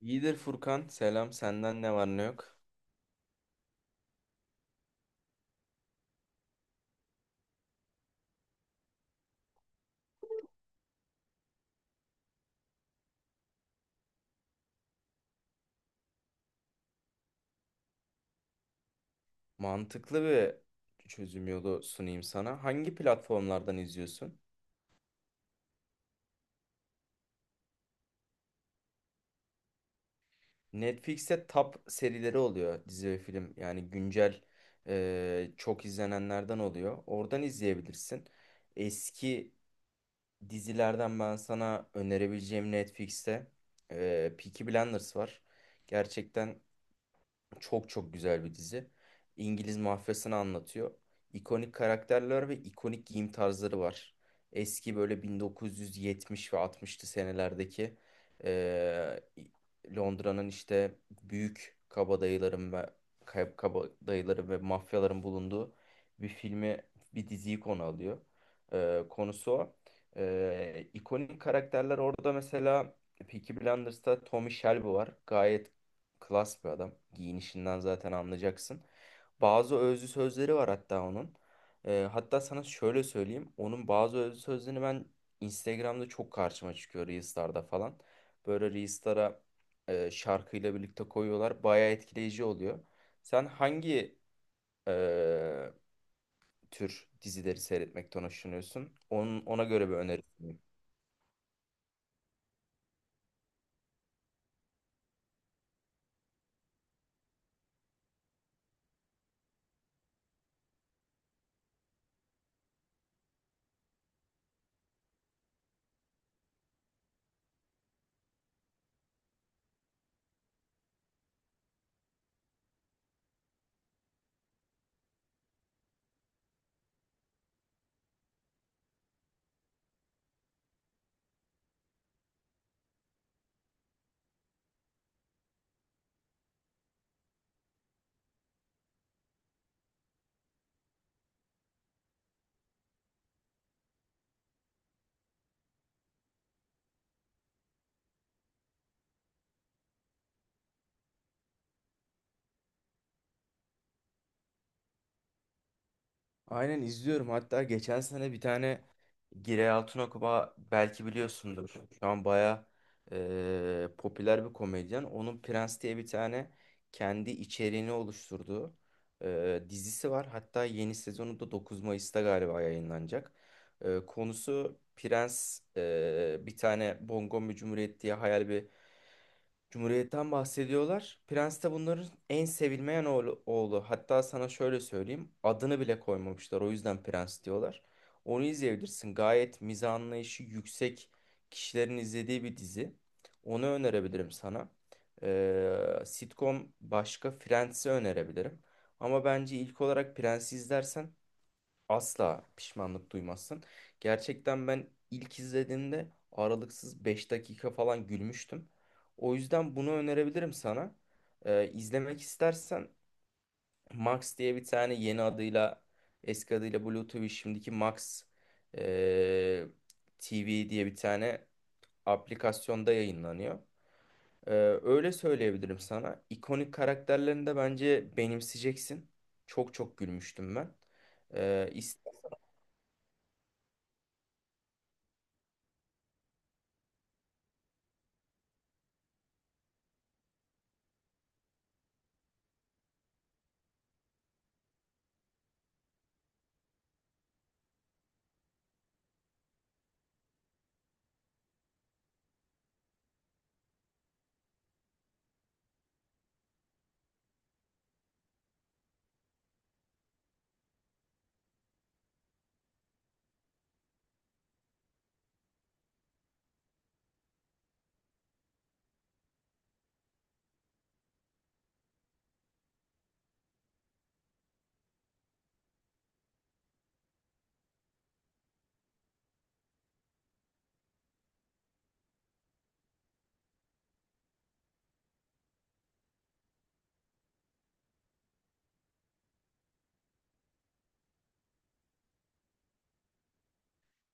İyidir Furkan. Selam. Senden ne var ne yok? Mantıklı bir çözüm yolu sunayım sana. Hangi platformlardan izliyorsun? Netflix'te top serileri oluyor. Dizi ve film. Yani güncel çok izlenenlerden oluyor. Oradan izleyebilirsin. Eski dizilerden ben sana önerebileceğim Netflix'te Peaky Blinders var. Gerçekten çok çok güzel bir dizi. İngiliz mafyasını anlatıyor. İkonik karakterler ve ikonik giyim tarzları var. Eski böyle 1970 ve 60'lı senelerdeki eee, Londra'nın işte büyük kabadayıların ve kabadayıların ve mafyaların bulunduğu bir filmi, bir diziyi konu alıyor. Konusu o. İkonik karakterler orada mesela Peaky Blinders'ta Tommy Shelby var. Gayet klas bir adam. Giyinişinden zaten anlayacaksın. Bazı özlü sözleri var hatta onun. Hatta sana şöyle söyleyeyim. Onun bazı özlü sözlerini ben Instagram'da çok karşıma çıkıyor Reels'larda falan. Böyle Reels'lara şarkıyla birlikte koyuyorlar. Bayağı etkileyici oluyor. Sen hangi e, tür dizileri seyretmekten hoşlanıyorsun? Onun, ona göre bir öneri. Aynen izliyorum. Hatta geçen sene bir tane Girey Altınokuma belki biliyorsundur. Şu an baya popüler bir komedyen. Onun Prens diye bir tane kendi içeriğini oluşturduğu dizisi var. Hatta yeni sezonu da 9 Mayıs'ta galiba yayınlanacak. Konusu Prens, bir tane Bongomi Cumhuriyet diye hayal bir Cumhuriyet'ten bahsediyorlar. Prens de bunların en sevilmeyen oğlu. Hatta sana şöyle söyleyeyim. Adını bile koymamışlar. O yüzden prens diyorlar. Onu izleyebilirsin. Gayet mizah anlayışı yüksek kişilerin izlediği bir dizi. Onu önerebilirim sana. Sitcom başka Friends'i önerebilirim. Ama bence ilk olarak Prens'i izlersen asla pişmanlık duymazsın. Gerçekten ben ilk izlediğimde aralıksız 5 dakika falan gülmüştüm. O yüzden bunu önerebilirim sana. İzlemek istersen Max diye bir tane yeni adıyla eski adıyla Blue TV şimdiki Max ee, TV diye bir tane aplikasyonda yayınlanıyor. Ee, Öyle söyleyebilirim sana. İkonik karakterlerini de bence benimseyeceksin. Çok çok gülmüştüm ben. Ee,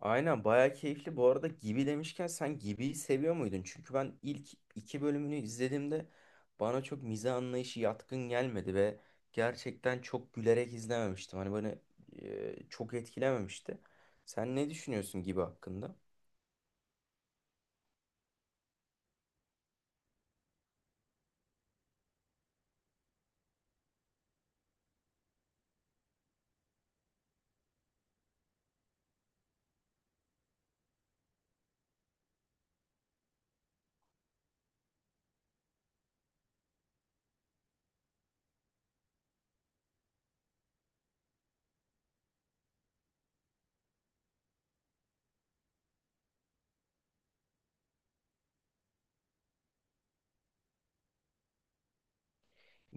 Aynen bayağı keyifli. Bu arada Gibi demişken sen Gibi'yi seviyor muydun? Çünkü ben ilk iki bölümünü izlediğimde bana çok mizah anlayışı yatkın gelmedi ve gerçekten çok gülerek izlememiştim. Hani bana çok etkilememişti. Sen ne düşünüyorsun Gibi hakkında?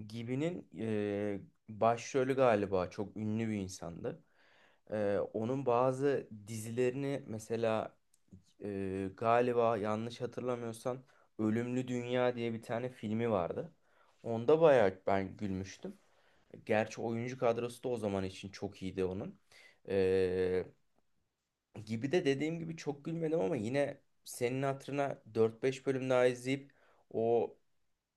Gibi'nin başrolü galiba çok ünlü bir insandı. Onun bazı dizilerini mesela galiba yanlış hatırlamıyorsam Ölümlü Dünya diye bir tane filmi vardı. Onda bayağı ben gülmüştüm. Gerçi oyuncu kadrosu da o zaman için çok iyiydi onun. Ee, Gibi de dediğim gibi çok gülmedim ama yine senin hatırına 4-5 bölüm daha izleyip o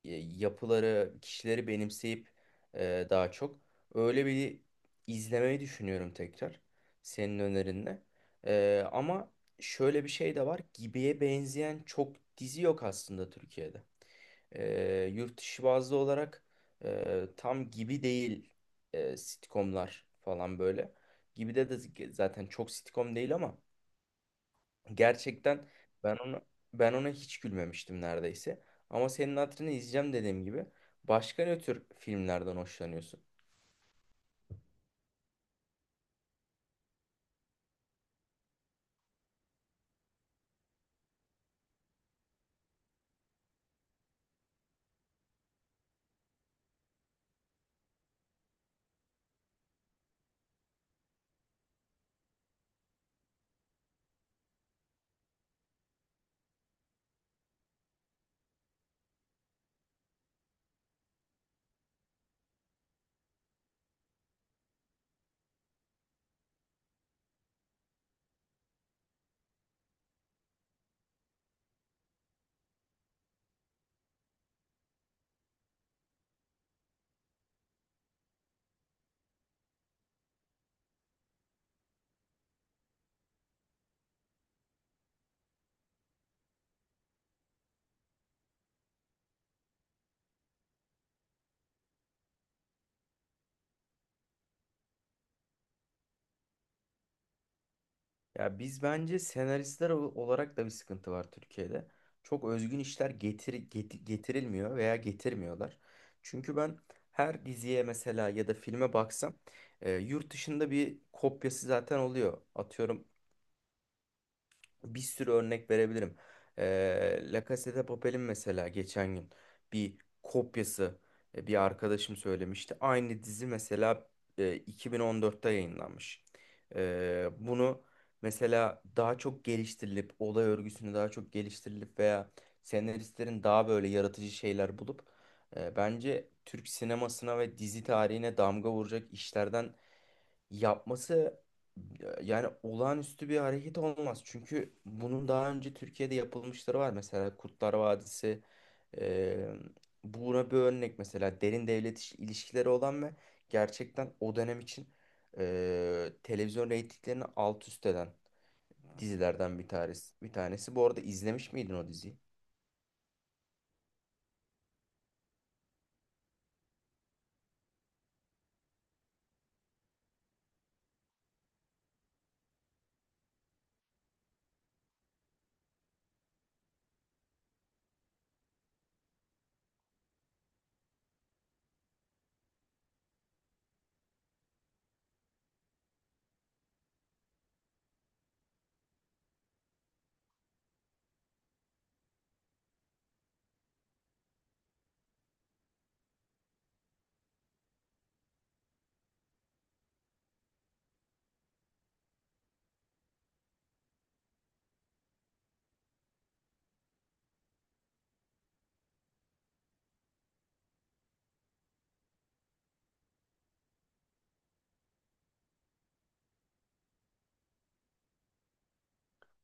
e, yapıları, kişileri benimseyip daha çok öyle bir izlemeyi düşünüyorum tekrar senin önerinle. Ama şöyle bir şey de var. Gibi'ye benzeyen çok dizi yok aslında Türkiye'de. Yurt dışı bazlı olarak tam Gibi değil, sitcomlar falan böyle. Gibi'de de zaten çok sitcom değil ama gerçekten ben ona ben ona hiç gülmemiştim neredeyse. Ama senin hatırını izleyeceğim dediğim gibi. Başka ne tür filmlerden hoşlanıyorsun? Ya biz bence senaristler olarak da bir sıkıntı var Türkiye'de. Çok özgün işler getirilmiyor veya getirmiyorlar. Çünkü ben her diziye mesela ya da filme baksam, yurt dışında bir kopyası zaten oluyor. Atıyorum bir sürü örnek verebilirim. La Casa de Papel'in mesela geçen gün bir kopyası, bir arkadaşım söylemişti. Aynı dizi mesela 2014'te yayınlanmış. Bunu mesela daha çok geliştirilip, olay örgüsünü daha çok geliştirilip veya senaristlerin daha böyle yaratıcı şeyler bulup, bence Türk sinemasına ve dizi tarihine damga vuracak işlerden yapması, yani olağanüstü bir hareket olmaz. Çünkü bunun daha önce Türkiye'de yapılmışları var. Mesela Kurtlar Vadisi e, buna bir örnek mesela derin devlet ilişkileri olan ve gerçekten o dönem için televizyon reytinglerini alt üst eden dizilerden bir tanesi. Bir tanesi. Bu arada izlemiş miydin o diziyi?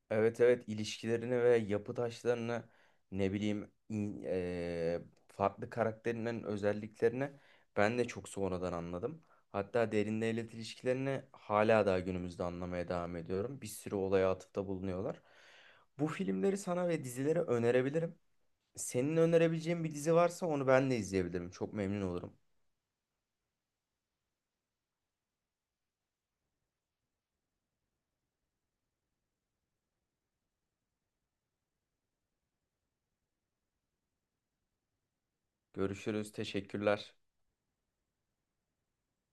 Evet, evet, ilişkilerini ve yapı taşlarını ne bileyim, farklı karakterinden özelliklerini ben de çok sonradan anladım. Hatta derin devlet ilişkilerini hala daha günümüzde anlamaya devam ediyorum. Bir sürü olaya atıfta bulunuyorlar. Bu filmleri sana ve dizileri önerebilirim. Senin önerebileceğin bir dizi varsa onu ben de izleyebilirim. Çok memnun olurum. Görüşürüz. Teşekkürler.